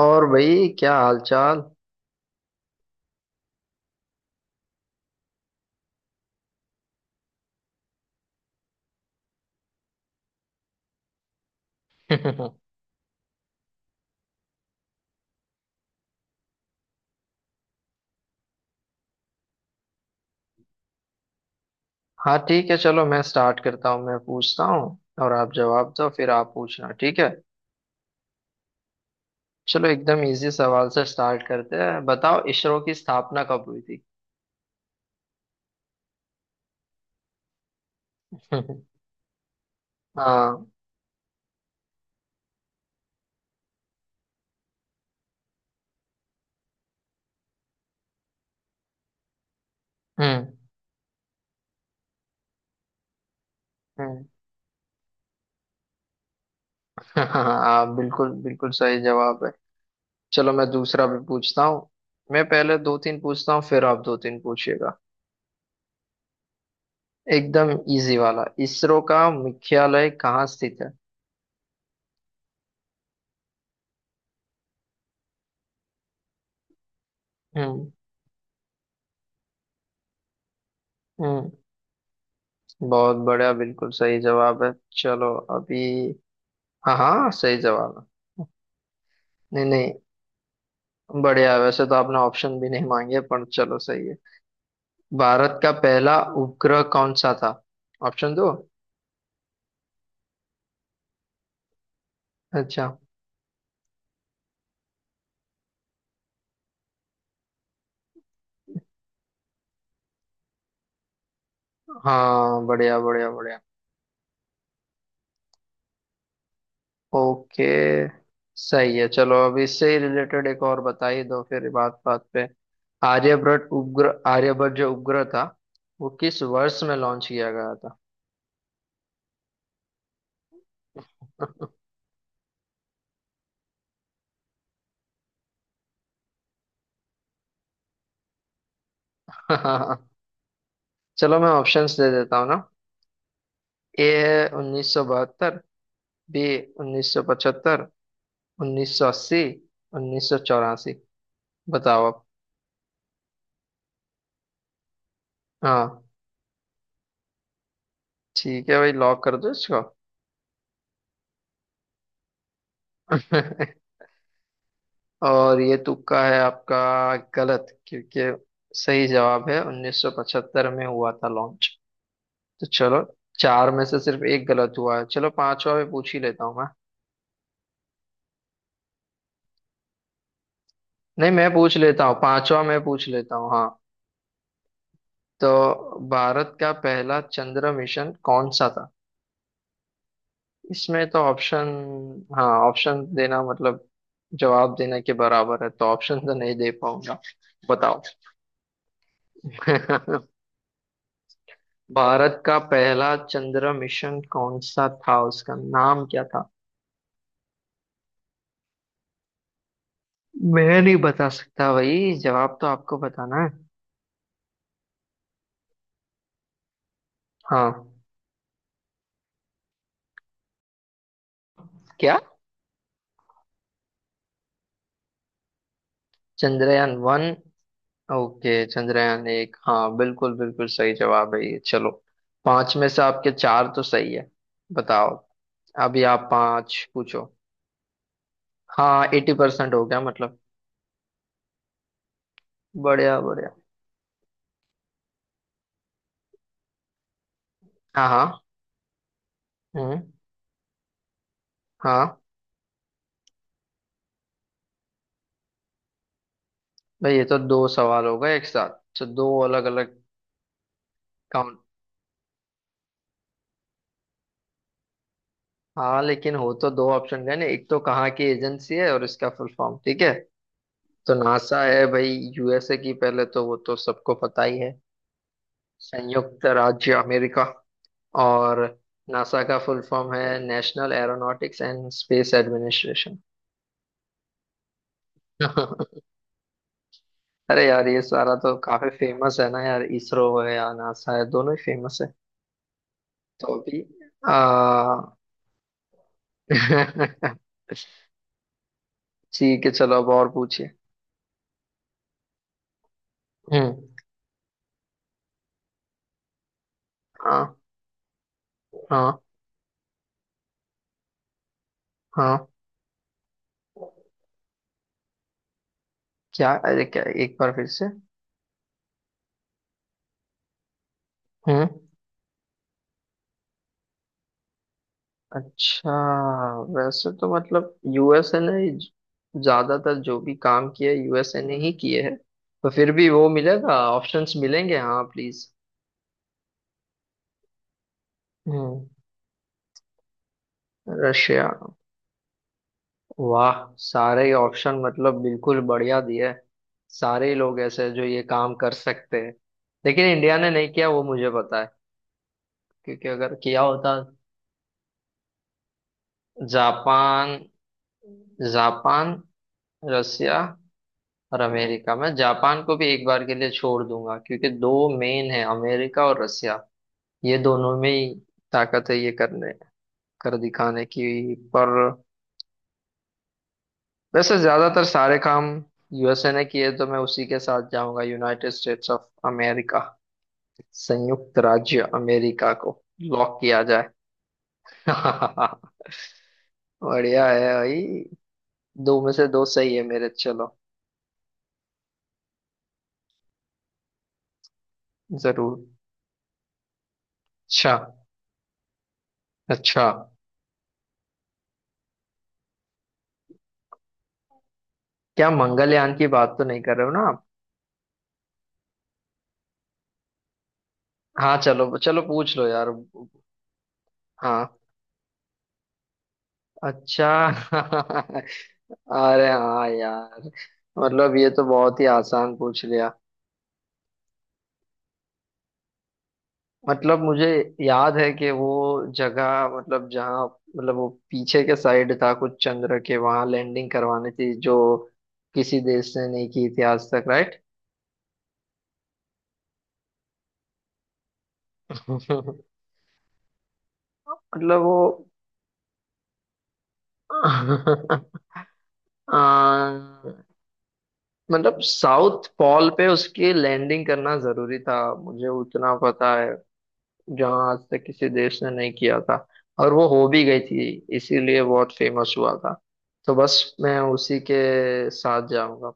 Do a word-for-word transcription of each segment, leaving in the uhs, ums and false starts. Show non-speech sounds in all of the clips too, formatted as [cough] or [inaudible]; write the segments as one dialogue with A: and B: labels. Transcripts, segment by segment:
A: और भाई क्या हालचाल। [laughs] हाँ, ठीक है, चलो मैं स्टार्ट करता हूँ। मैं पूछता हूँ और आप जवाब दो, फिर आप पूछना, ठीक है। चलो एकदम इजी सवाल से स्टार्ट करते हैं। बताओ, इसरो की स्थापना कब हुई थी? [laughs] हाँ। हम्म। हम्म। [laughs] हाँ, बिल्कुल बिल्कुल सही जवाब है। चलो मैं दूसरा भी पूछता हूँ। मैं पहले दो तीन पूछता हूँ, फिर आप दो तीन पूछिएगा। एकदम इजी वाला, इसरो का मुख्यालय कहाँ स्थित है? हम्म। हम्म। बहुत बढ़िया, बिल्कुल सही जवाब है। चलो अभी। हाँ हाँ, सही जवाब है। नहीं नहीं, बढ़िया है। वैसे तो आपने ऑप्शन भी नहीं मांगे, पर चलो सही है। भारत का पहला उपग्रह कौन सा था? ऑप्शन दो। अच्छा। हाँ, बढ़िया बढ़िया बढ़िया। ओके। सही है। चलो अब इससे ही रिलेटेड एक और बता ही दो फिर। बात बात पे आर्यभट्ट उपग्रह, आर्यभट्ट जो उपग्रह था, वो किस वर्ष में लॉन्च किया गया था? [laughs] चलो मैं ऑप्शंस दे देता हूँ ना। ए है उन्नीस सौ बहत्तर। बी उन्नीस सौ पचहत्तर। उन्नीस सौ अस्सी। उन्नीस सौ चौरासी। बताओ आप। हाँ ठीक है भाई, लॉक कर दो इसको। [laughs] और ये तुक्का है आपका, गलत, क्योंकि सही जवाब है उन्नीस सौ पचहत्तर में हुआ था लॉन्च। तो चलो, चार में से सिर्फ एक गलत हुआ है। चलो पांचवा भी पूछ ही लेता हूँ मैं। नहीं, मैं पूछ लेता हूँ, पांचवा मैं पूछ लेता हूँ, हाँ। तो भारत का पहला चंद्र मिशन कौन सा था? इसमें तो ऑप्शन, हाँ, ऑप्शन देना मतलब जवाब देने के बराबर है, तो ऑप्शन तो नहीं दे पाऊंगा। बताओ। [laughs] भारत का पहला चंद्र मिशन कौन सा था, उसका नाम क्या था? मैं नहीं बता सकता भाई, जवाब तो आपको बताना है। हाँ। क्या? चंद्रयान वन? ओके, चंद्रयान एक, हाँ, बिल्कुल बिल्कुल सही जवाब है ये। चलो, पांच में से आपके चार तो सही है। बताओ, अभी आप पांच पूछो। हाँ, एटी परसेंट हो गया मतलब। बढ़िया बढ़िया। हाँ हाँ। हम्म। हाँ। भाई ये तो दो सवाल हो गए एक साथ, तो दो अलग अलग काउंट। हाँ, लेकिन हो तो दो ऑप्शन गए ना, एक तो कहाँ की एजेंसी है और इसका फुल फॉर्म, ठीक है। तो नासा है भाई, यूएसए की, पहले तो वो तो सबको पता ही है, संयुक्त राज्य अमेरिका। और नासा का फुल फॉर्म है National Aeronautics and Space administration. [laughs] अरे यार ये सारा तो काफी फेमस है ना यार, इसरो है या नासा है, दोनों ही फेमस है। तो अभी आ, [laughs] ठीक है, चलो अब और पूछिए। हम्म। हाँ। हाँ। हाँ। क्या? अरे क्या, एक बार फिर से। हम्म। अच्छा, वैसे तो मतलब यूएसए ने ज्यादातर जो भी काम किया, यूएसए ने ही किए हैं। तो फिर भी वो मिलेगा, ऑप्शंस मिलेंगे? हाँ प्लीज। हम्म। रशिया। वाह, सारे ऑप्शन मतलब बिल्कुल बढ़िया दिए हैं। सारे ही लोग ऐसे हैं जो ये काम कर सकते हैं, लेकिन इंडिया ने नहीं किया, वो मुझे पता है, क्योंकि अगर किया होता, जापान, जापान, रसिया और अमेरिका, मैं जापान को भी एक बार के लिए छोड़ दूंगा, क्योंकि दो मेन है अमेरिका और रसिया, ये दोनों में ही ताकत है ये करने कर दिखाने की। पर वैसे ज्यादातर सारे काम यूएसए ने किए, तो मैं उसी के साथ जाऊंगा, यूनाइटेड स्टेट्स ऑफ अमेरिका, संयुक्त राज्य अमेरिका को लॉक किया जाए। [laughs] बढ़िया है भाई, दो में से दो सही है मेरे। चलो, जरूर। अच्छा। अच्छा, क्या मंगलयान की बात तो नहीं कर रहे हो ना? हाँ, चलो चलो पूछ लो यार। हाँ। अच्छा। [laughs] अरे हाँ यार, मतलब ये तो बहुत ही आसान पूछ लिया। मतलब मुझे याद है कि वो जगह, मतलब जहाँ, मतलब वो पीछे के साइड था कुछ चंद्र के, वहां लैंडिंग करवानी थी जो किसी देश ने नहीं की थी आज तक, राइट। [laughs] मतलब वो, [laughs] अ, मतलब साउथ पॉल पे उसकी लैंडिंग करना जरूरी था, मुझे उतना पता है, जहाँ आज तक किसी देश ने नहीं किया था, और वो हो भी गई थी, इसीलिए बहुत फेमस हुआ था, तो बस मैं उसी के साथ जाऊंगा।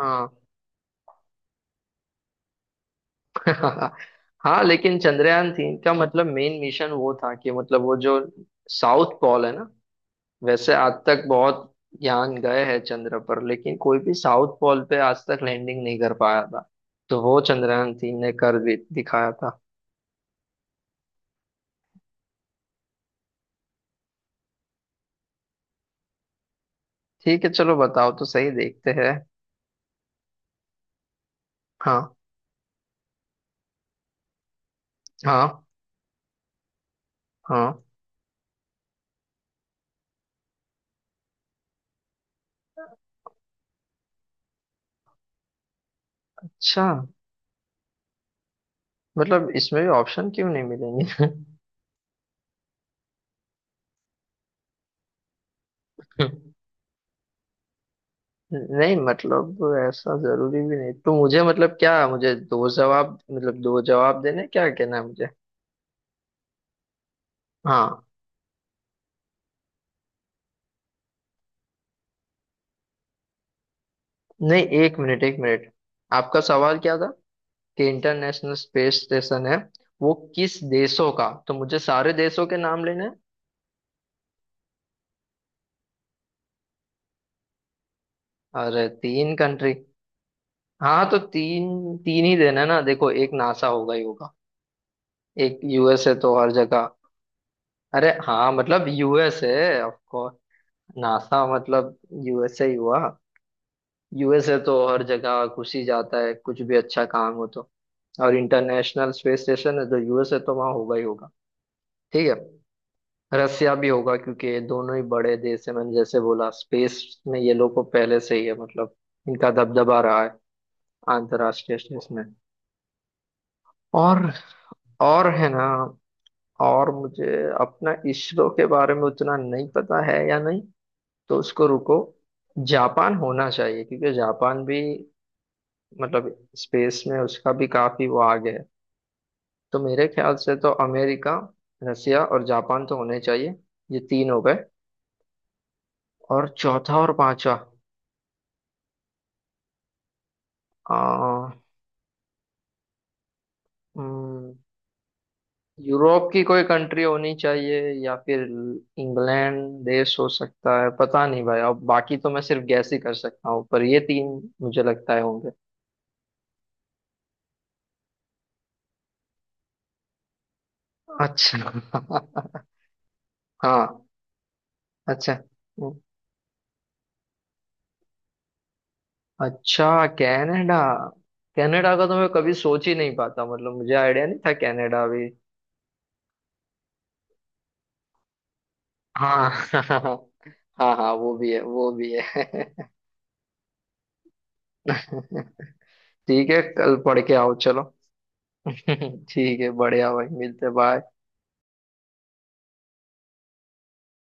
A: हाँ। [laughs] हाँ, लेकिन चंद्रयान तीन का मतलब मेन मिशन वो था कि, मतलब वो जो साउथ पोल है ना, वैसे आज तक बहुत यान गए हैं चंद्र पर, लेकिन कोई भी साउथ पोल पे आज तक लैंडिंग नहीं कर पाया था, तो वो चंद्रयान तीन ने कर भी दिखाया था। ठीक है चलो बताओ तो, सही देखते हैं। हाँ हाँ। हाँ। अच्छा, मतलब इसमें भी ऑप्शन क्यों नहीं मिलेंगे? [laughs] नहीं मतलब ऐसा जरूरी भी नहीं, तो मुझे मतलब क्या, मुझे दो जवाब, मतलब दो जवाब देने, क्या कहना है मुझे। हाँ। नहीं, एक मिनट एक मिनट। आपका सवाल क्या था, कि इंटरनेशनल स्पेस स्टेशन है वो किस देशों का, तो मुझे सारे देशों के नाम लेने हैं? अरे, तीन कंट्री। हाँ तो तीन तीन ही देना है ना। देखो, एक नासा होगा ही होगा, एक यूएस है तो हर जगह। अरे हाँ मतलब यूएस है। नासा मतलब यूएसए ही हुआ। यूएसए तो हर जगह घुस ही जाता है, कुछ भी अच्छा काम हो तो। और इंटरनेशनल स्पेस स्टेशन है तो यूएसए तो वहाँ होगा ही होगा। ठीक है। रसिया भी होगा, क्योंकि ये दोनों ही बड़े देश है, मैंने जैसे बोला, स्पेस में ये लोग को पहले से ही है, मतलब इनका दबदबा रहा है अंतर्राष्ट्रीय स्पेस में। और और है ना। और मुझे अपना इसरो के बारे में उतना नहीं पता है या नहीं, तो उसको रुको। जापान होना चाहिए, क्योंकि जापान भी मतलब स्पेस में उसका भी काफी वो आगे है। तो मेरे ख्याल से तो अमेरिका, रसिया और जापान तो होने चाहिए। ये तीन हो गए, और चौथा और पांचवा, आ, हम्म, यूरोप की कोई कंट्री होनी चाहिए, या फिर इंग्लैंड देश हो सकता है, पता नहीं भाई, अब बाकी तो मैं सिर्फ गैस ही कर सकता हूँ, पर ये तीन मुझे लगता है होंगे। अच्छा। [laughs] हाँ। अच्छा। अच्छा, कनाडा। कनाडा का तो मैं कभी सोच ही नहीं पाता, मतलब मुझे आइडिया नहीं था कनाडा भी। हाँ। [laughs] हाँ हाँ, वो भी है वो भी है। [laughs] ठीक है, कल पढ़ के आओ चलो। [laughs] ठीक है, बढ़िया भाई, मिलते, बाय।